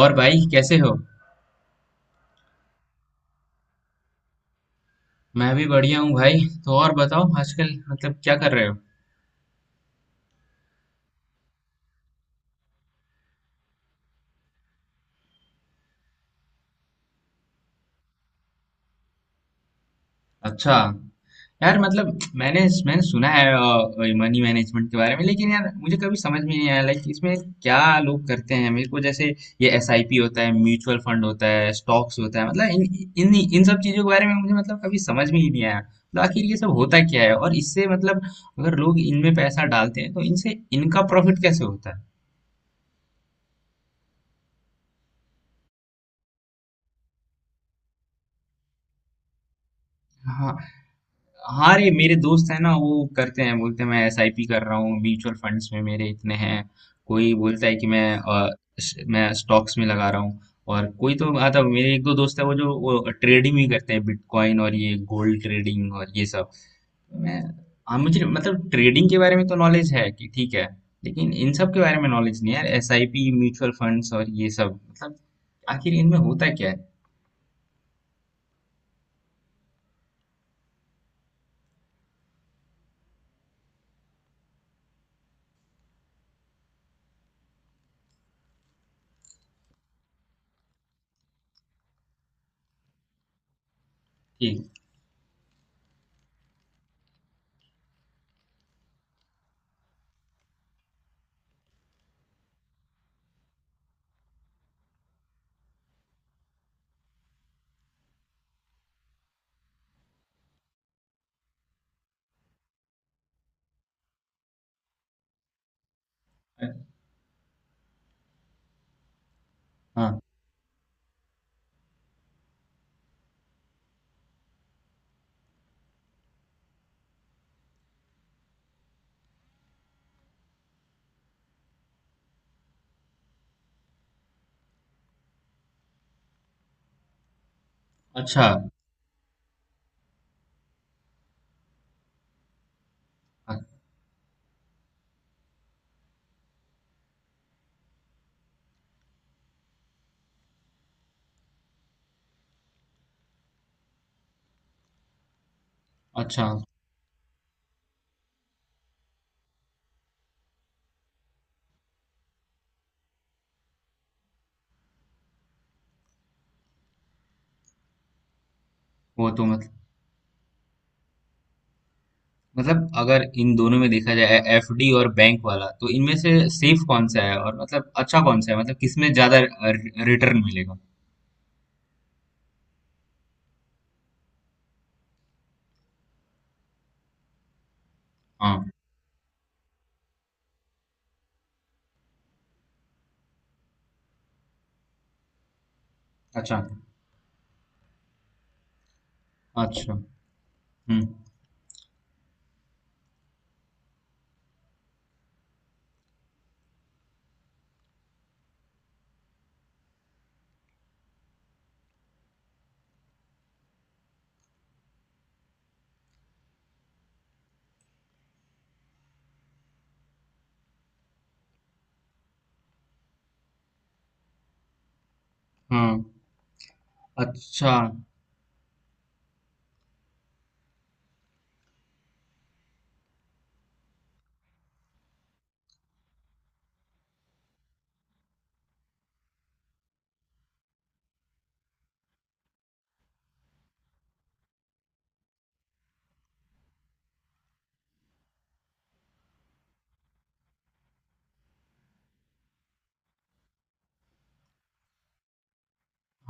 और भाई कैसे हो? मैं भी बढ़िया हूँ भाई। तो और बताओ आजकल मतलब क्या कर रहे हो? अच्छा। यार मतलब मैंने मैंने सुना है मनी मैनेजमेंट के बारे में, लेकिन यार मुझे कभी समझ में नहीं आया। लाइक इसमें क्या लोग करते हैं मेरे को? जैसे ये एसआईपी होता है, म्यूचुअल फंड होता है, स्टॉक्स होता है। मतलब इन इन इन सब चीजों के बारे में मुझे मतलब कभी समझ में ही नहीं आया। तो आखिर ये सब होता क्या है, और इससे मतलब अगर लोग इनमें पैसा डालते हैं तो इनसे इनका प्रॉफिट कैसे होता है? हाँ। हाँ रे, मेरे दोस्त है ना वो करते हैं, बोलते हैं मैं एसआईपी कर रहा हूँ म्यूचुअल फंड्स में, मेरे इतने हैं। कोई बोलता है कि मैं स्टॉक्स में लगा रहा हूँ। और कोई तो आता, मेरे एक दो दोस्त है वो, जो वो ट्रेडिंग भी करते हैं बिटकॉइन और ये गोल्ड ट्रेडिंग और ये सब। तो मैं हाँ मुझे मतलब ट्रेडिंग के बारे में तो नॉलेज है कि ठीक है, लेकिन इन सब के बारे में नॉलेज नहीं है यार, एसआईपी म्यूचुअल फंड्स और ये सब। मतलब आखिर इनमें होता क्या है? ठीक। हाँ। अच्छा। अ- अच्छा। वो तो मतलब, मतलब अगर इन दोनों में देखा जाए, एफडी और बैंक वाला, तो इनमें से सेफ कौन सा है, और मतलब अच्छा कौन सा है, मतलब किसमें ज्यादा रिटर्न मिलेगा? हाँ। अच्छा। अच्छा। हम्म। हाँ। अच्छा।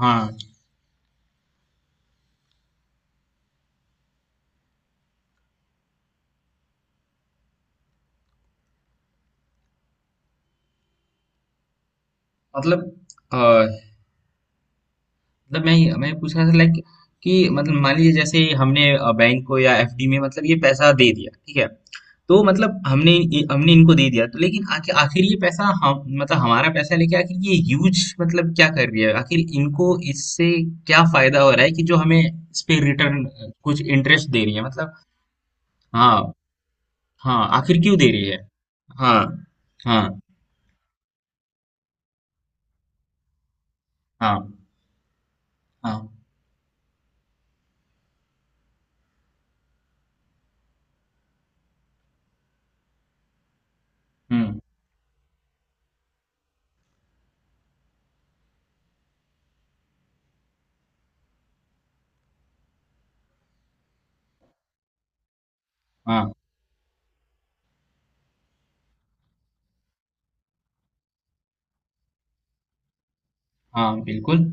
हाँ। मतलब अ, मतलब मैं पूछ रहा था, लाइक कि मतलब मान लीजिए जैसे हमने बैंक को या एफडी में मतलब ये पैसा दे दिया, ठीक है। तो मतलब हमने हमने इनको दे दिया, तो लेकिन आखिर आखिर ये पैसा हम मतलब हमारा पैसा लेके आखिर ये यूज मतलब क्या कर रही है, आखिर इनको इससे क्या फायदा हो रहा है कि जो हमें इस पे रिटर्न कुछ इंटरेस्ट दे रही है मतलब? हाँ। हाँ आखिर क्यों दे रही है? हाँ। हाँ। हाँ। हाँ। हम्म। हाँ। हाँ बिल्कुल।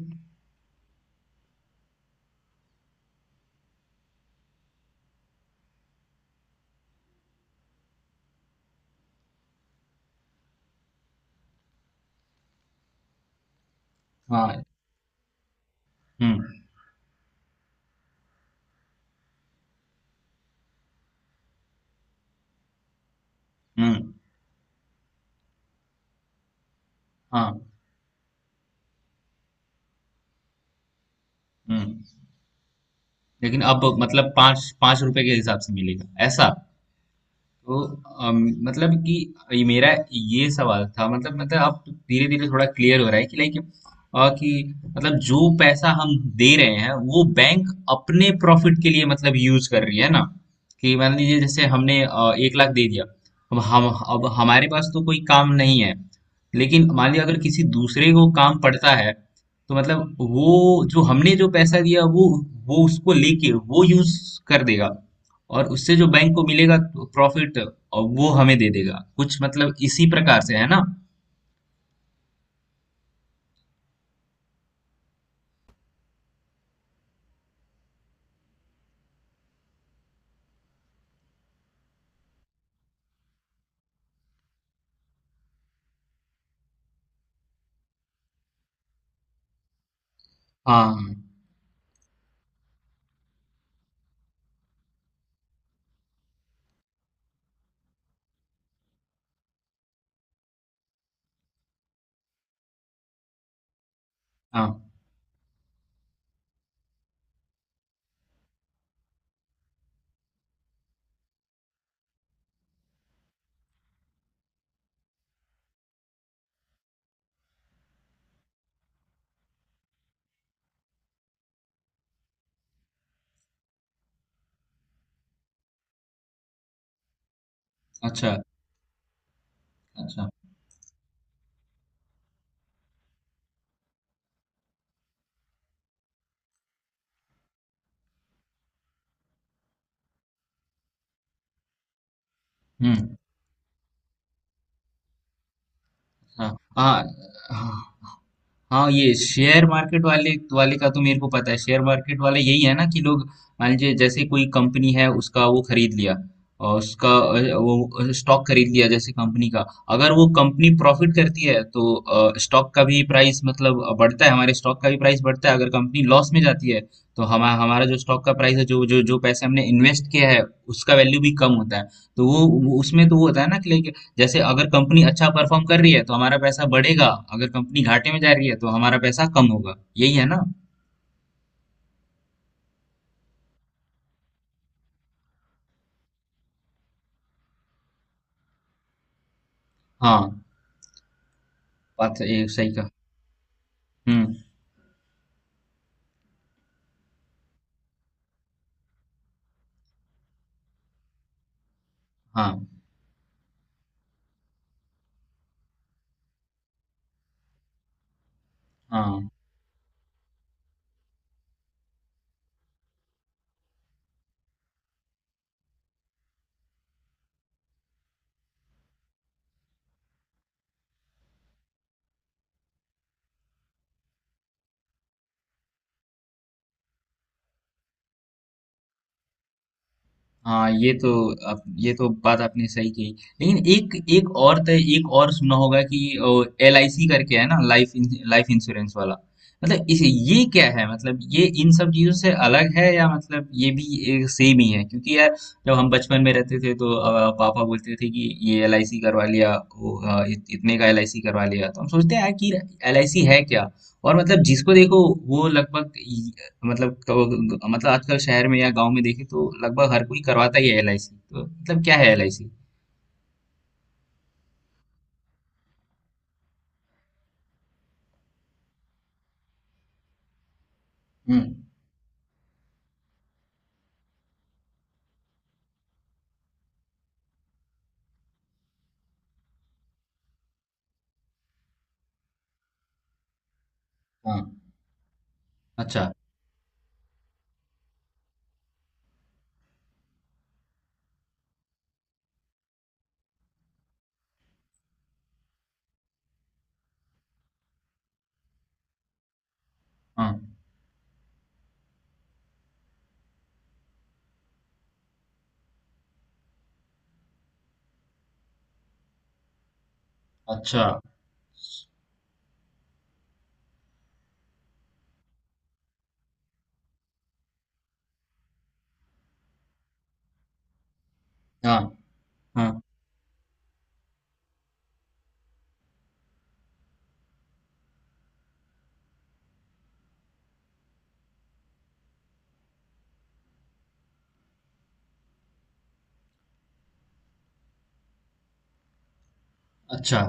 हाँ। हम्म। हम्म। हाँ। हम्म। लेकिन अब मतलब पाँच पाँच रुपए के हिसाब से मिलेगा ऐसा। तो अम, मतलब कि ये मेरा ये सवाल था, मतलब अब धीरे धीरे थोड़ा क्लियर हो रहा है कि लाइक कि मतलब जो पैसा हम दे रहे हैं वो बैंक अपने प्रॉफिट के लिए मतलब यूज कर रही है ना, कि मान लीजिए जैसे हमने एक लाख दे दिया। अब हमारे पास तो कोई काम नहीं है, लेकिन मान लीजिए अगर किसी दूसरे को काम पड़ता है, तो मतलब वो जो हमने जो पैसा दिया वो उसको लेके वो यूज कर देगा, और उससे जो बैंक को मिलेगा प्रॉफिट, और वो हमें दे देगा कुछ। मतलब इसी प्रकार से है ना? हाँ। हाँ। अच्छा। अच्छा। हम्म। हाँ। हाँ। हाँ। हाँ ये शेयर मार्केट वाले वाले का तो मेरे को पता है। शेयर मार्केट वाले यही है ना कि लोग मान लीजिए जैसे कोई कंपनी है, उसका वो खरीद लिया, और उसका वो स्टॉक खरीद लिया जैसे कंपनी का। अगर वो कंपनी प्रॉफिट करती है तो स्टॉक का भी प्राइस मतलब बढ़ता है, हमारे स्टॉक का भी प्राइस बढ़ता है। अगर कंपनी लॉस में जाती है तो हमारा हमारा जो स्टॉक का प्राइस है, जो जो जो पैसे हमने इन्वेस्ट किया है, उसका वैल्यू भी कम होता है। तो उसमें तो वो होता है ना कि लाइक जैसे अगर कंपनी अच्छा परफॉर्म कर रही है तो हमारा पैसा बढ़ेगा, अगर कंपनी घाटे में जा रही है तो हमारा पैसा कम होगा। यही है ना? हाँ बात, ये सही कहा। हम्म। हाँ। हाँ। हाँ ये तो बात आपने सही कही। लेकिन एक एक और तो एक और सुना होगा कि एल आई सी करके है ना, लाइफ लाइफ इंश्योरेंस वाला। मतलब इसे ये क्या है, मतलब ये इन सब चीजों से अलग है, या मतलब ये भी एक सेम ही है? क्योंकि यार जब हम बचपन में रहते थे तो पापा बोलते थे कि ये एल आई सी करवा लिया, वो, इतने का एल आई सी करवा लिया। तो हम सोचते हैं यार कि एल आई सी है क्या। और मतलब जिसको देखो वो लगभग, मतलब मतलब आजकल शहर में या गांव में देखें तो लगभग हर कोई करवाता ही है एलआईसी। तो मतलब क्या है एलआईसी? हम्म। हाँ। अच्छा। हाँ। अच्छा। हाँ। हाँ। अच्छा।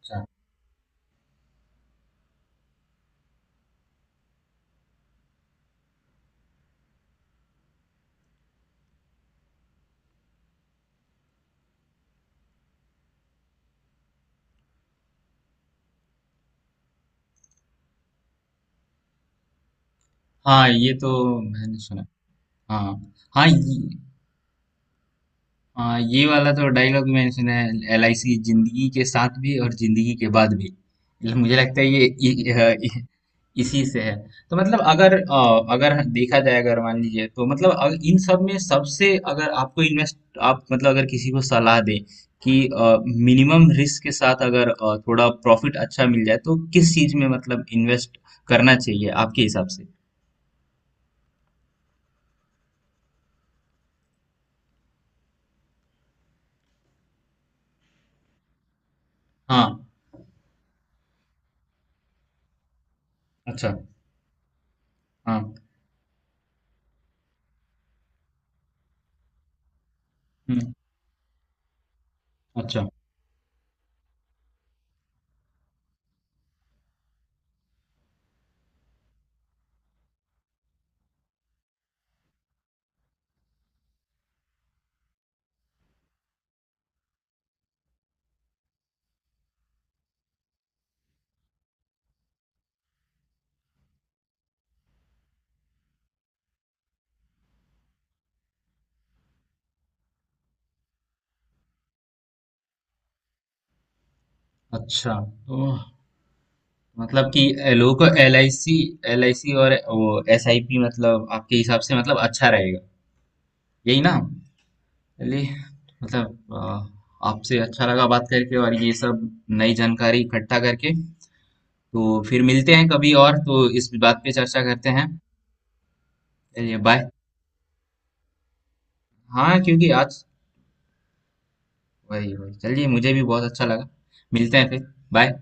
अच्छा। हाँ ये तो मैंने सुना। हाँ हाँ ये- हाँ ये वाला तो डायलॉग मैंने सुना है। एल आई सी जिंदगी के साथ भी और जिंदगी के बाद भी। मतलब मुझे लगता है ये इसी से है। तो मतलब अगर देखा जाए, अगर मान लीजिए, तो मतलब इन सब में सबसे, अगर आपको इन्वेस्ट, आप मतलब अगर किसी को सलाह दें कि मिनिमम रिस्क के साथ अगर थोड़ा प्रॉफिट अच्छा मिल जाए तो किस चीज में मतलब इन्वेस्ट करना चाहिए आपके हिसाब से? हाँ। अच्छा। हाँ। हम्म। अच्छा। अच्छा। तो मतलब कि लोगों को एल आई सी और वो एस आई पी, मतलब आपके हिसाब से मतलब अच्छा रहेगा, यही ना? चलिए। मतलब आपसे अच्छा लगा बात करके और ये सब नई जानकारी इकट्ठा करके। तो फिर मिलते हैं कभी और तो इस बात पे चर्चा करते हैं। चलिए बाय। हाँ क्योंकि आज। वही वही, चलिए मुझे भी बहुत अच्छा लगा। मिलते हैं फिर। बाय।